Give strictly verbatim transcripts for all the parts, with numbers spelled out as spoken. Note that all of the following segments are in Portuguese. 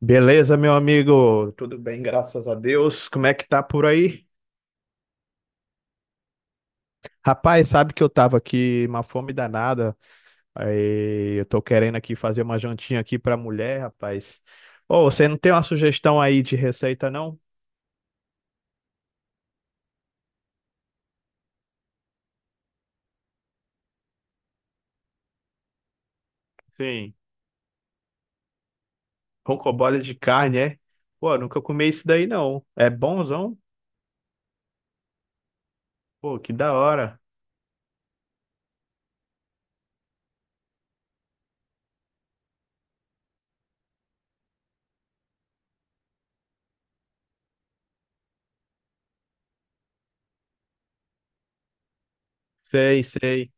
Beleza, meu amigo? Tudo bem, graças a Deus. Como é que tá por aí? Rapaz, sabe que eu tava aqui uma fome danada. Aí eu tô querendo aqui fazer uma jantinha aqui pra mulher, rapaz. Ô, você não tem uma sugestão aí de receita, não? Sim, roncoboles de carne, é? Pô, nunca comi isso daí, não. É bonzão? Pô, que da hora. Sei, sei.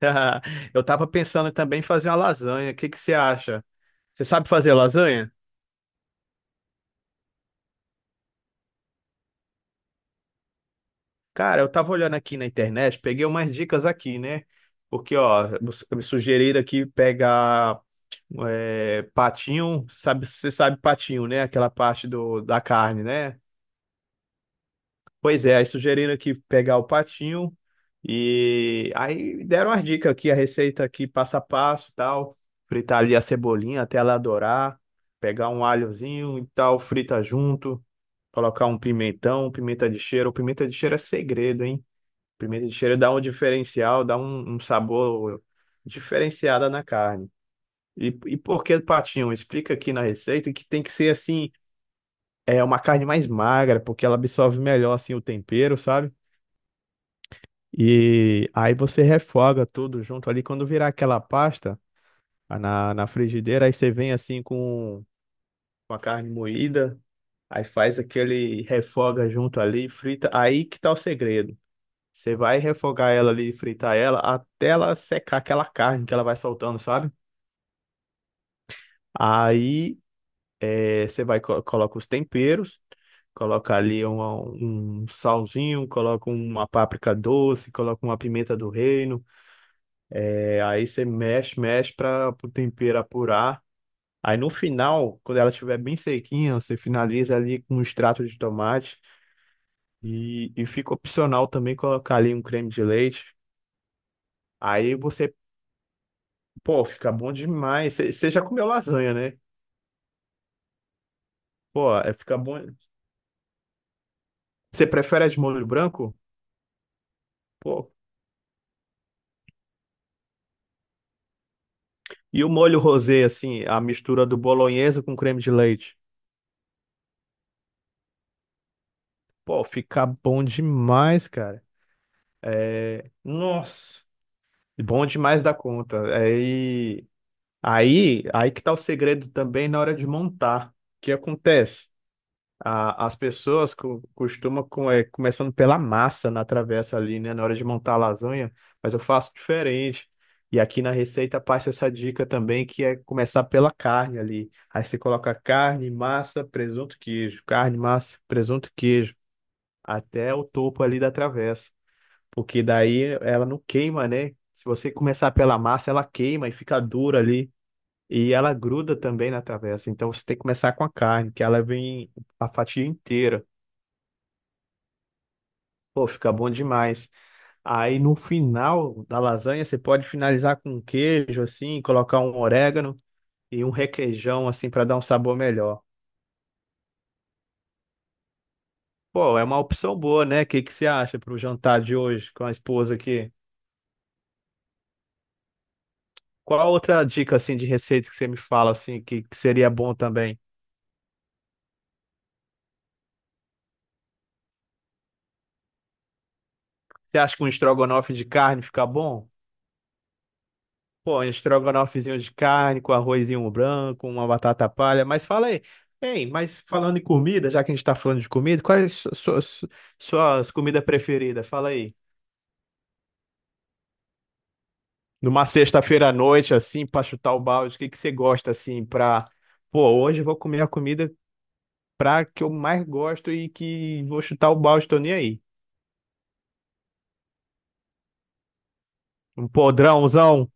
Eu tava pensando também em fazer uma lasanha. O que que você acha? Você sabe fazer lasanha? Cara, eu tava olhando aqui na internet, peguei umas dicas aqui, né? Porque, ó, você- me sugeriram aqui pegar é, patinho, sabe, você sabe patinho, né? Aquela parte do, da carne, né? Pois é, aí sugeriram aqui pegar o patinho e aí deram as dicas aqui, a receita aqui passo a passo, e tal, fritar ali a cebolinha até ela dourar, pegar um alhozinho e tal, frita junto, colocar um pimentão, pimenta de cheiro, pimenta de cheiro é segredo, hein? Pimenta de cheiro dá um diferencial, dá um, um sabor diferenciado na carne. E, e por que patinho? Explica aqui na receita que tem que ser assim, é uma carne mais magra, porque ela absorve melhor assim o tempero, sabe? E aí você refoga tudo junto ali. Quando virar aquela pasta ah, na, na frigideira, aí você vem assim com, com a carne moída, aí faz aquele refoga junto ali, frita. Aí que tá o segredo. Você vai refogar ela ali, fritar ela, até ela secar aquela carne que ela vai soltando, sabe? Aí eh, você vai, co- coloca os temperos, coloca ali uma- um salzinho, coloca uma páprica doce, coloca uma pimenta do reino. Eh, aí você mexe, mexe para o tempero apurar. Aí no final, quando ela estiver bem sequinha, você finaliza ali com um extrato de tomate. E, e fica opcional também colocar ali um creme de leite. Aí você Pô, fica bom demais. Você já comeu lasanha, né? Pô, é, fica bom. Você prefere a de molho branco? Pô. E o molho rosé, assim, a mistura do bolonhesa com creme de leite? Pô, fica bom demais, cara. É... Nossa, bom demais da conta. Aí, aí, aí que tá o segredo também na hora de montar. O que acontece? A- as pessoas co- costumam, com, é, começando pela massa na travessa ali, né, na hora de montar a lasanha, mas eu faço diferente. E aqui na receita passa essa dica também, que é começar pela carne ali. Aí você coloca carne, massa, presunto, queijo. Carne, massa, presunto, queijo. Até o topo ali da travessa. Porque daí ela não queima, né? Se você começar pela massa, ela queima e fica dura ali. E ela gruda também na travessa. Então você tem que começar com a carne, que ela vem a fatia inteira. Pô, fica bom demais. Aí no final da lasanha você pode finalizar com um queijo assim, colocar um orégano e um requeijão assim para dar um sabor melhor. Pô, é uma opção boa, né? O que que você acha para o jantar de hoje com a esposa aqui? Qual outra dica assim de receita que você me fala assim que, que seria bom também? Você acha que um estrogonofe de carne fica bom? Pô, um estrogonofezinho de carne com arrozinho branco, uma batata palha. Mas fala aí, hein, mas falando em comida, já que a gente tá falando de comida, quais su- suas, suas comidas preferidas? Fala aí. Numa sexta-feira à noite, assim, pra chutar o balde, o que que você gosta, assim, pra... Pô, hoje eu vou comer a comida pra que eu mais gosto e que vou chutar o balde, tô nem aí. Um podrãozão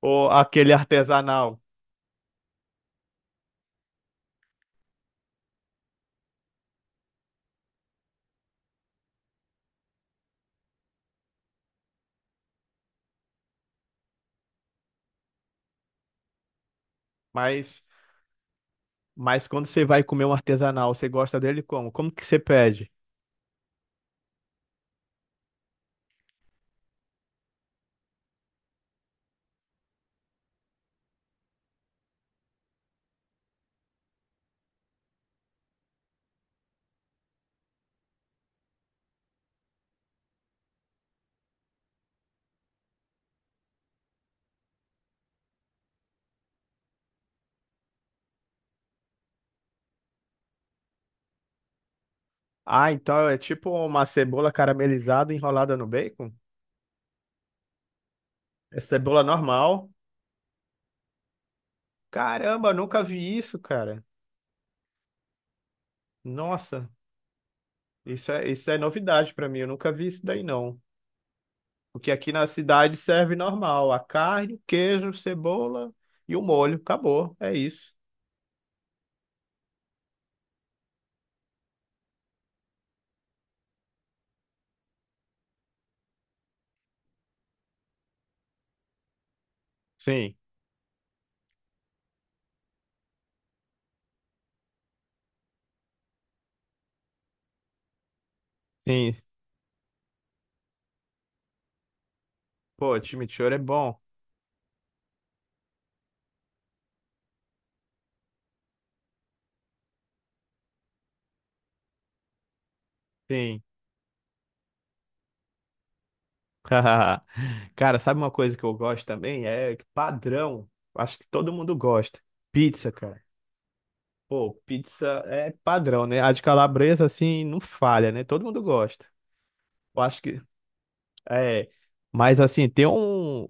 ou aquele artesanal. Mas, mas quando você vai comer um artesanal, você gosta dele como? Como que você pede? Ah, então é tipo uma cebola caramelizada enrolada no bacon? É cebola normal? Caramba, nunca vi isso, cara. Nossa, isso é, isso é novidade pra mim. Eu nunca vi isso daí, não. Porque aqui na cidade serve normal, a carne, queijo, cebola e o molho. Acabou, é isso. Sim, sim. Pô, chimichurri é bom. Sim. Cara, sabe uma coisa que eu gosto também? É padrão. Acho que todo mundo gosta. Pizza, cara. Pô, pizza é padrão, né? A de calabresa, assim, não falha, né? Todo mundo gosta. Eu acho que é. Mas, assim, tem um,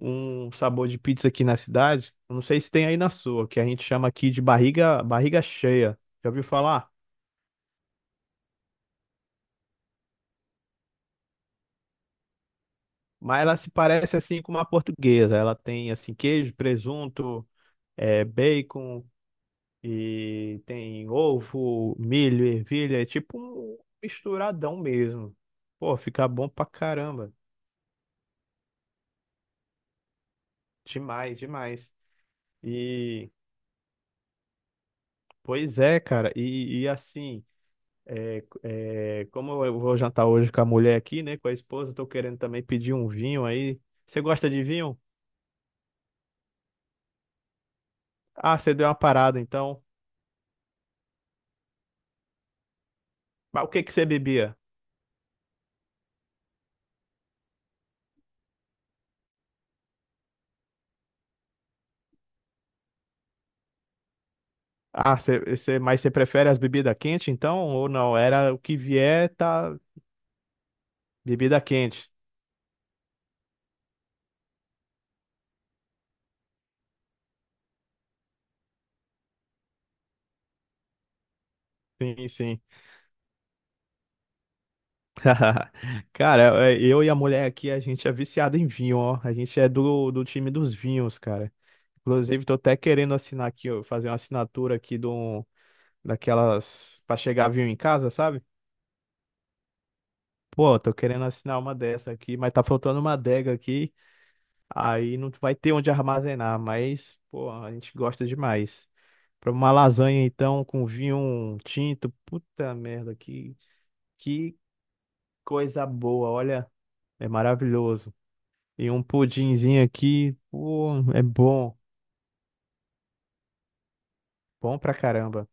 um sabor de pizza aqui na cidade. Eu Não sei se tem aí na sua, que a gente chama aqui de barriga, barriga cheia. Já ouviu falar? Mas ela se parece, assim, com uma portuguesa. Ela tem, assim, queijo, presunto, é, bacon e tem ovo, milho, ervilha. É tipo um misturadão mesmo. Pô, fica bom pra caramba. Demais, demais. E, pois é, cara, e, e assim, é, é, como eu vou jantar hoje com a mulher aqui, né, com a esposa, tô querendo também pedir um vinho aí. Você gosta de vinho? Ah, você deu uma parada, então. Mas o que que você bebia? Ah, você, você- mas você prefere as bebidas quentes, então, ou não? Era o que vier, tá, bebida quente. Sim, sim. Cara, é, eu e a mulher aqui, a gente é viciado em vinho, ó. A gente é do, do time dos vinhos, cara. Inclusive, tô até querendo assinar aqui, ó, fazer uma assinatura aqui de um, daquelas para chegar avião em casa, sabe? Pô, tô querendo assinar uma dessa aqui, mas tá faltando uma adega aqui, aí não vai ter onde armazenar, mas, pô, a gente gosta demais. Pra uma lasanha, então, com vinho um tinto, puta merda, que, que coisa boa, olha, é maravilhoso. E um pudinzinho aqui, pô, é bom, bom pra caramba.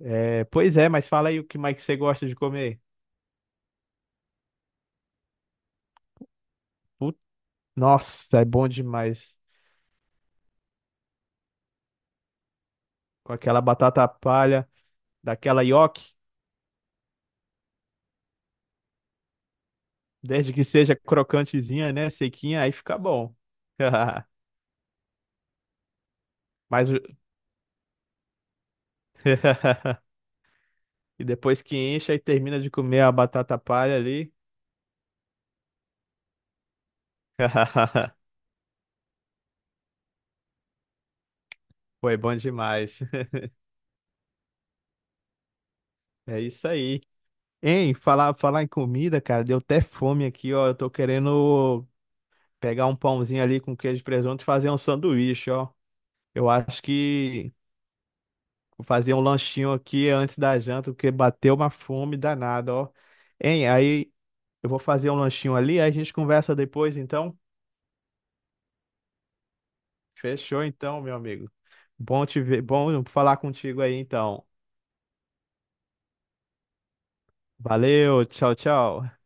É, pois é, mas fala aí o que mais que você gosta de comer. Nossa, é bom demais. Com aquela batata palha, daquela nhoque, desde que seja crocantezinha, né? Sequinha, aí fica bom. Mas o- e depois que enche e termina de comer a batata palha ali. Foi bom demais. É isso aí. Hein, falar, falar em comida, cara, deu até fome aqui, ó. Eu tô querendo pegar um pãozinho ali com queijo e presunto e fazer um sanduíche, ó. Eu acho que Vou fazer um lanchinho aqui antes da janta, porque bateu uma fome danada, ó. Hein, aí eu vou fazer um lanchinho ali, aí a gente conversa depois, então. Fechou então, meu amigo. Bom te ver, bom falar contigo aí, então. Valeu, tchau, tchau.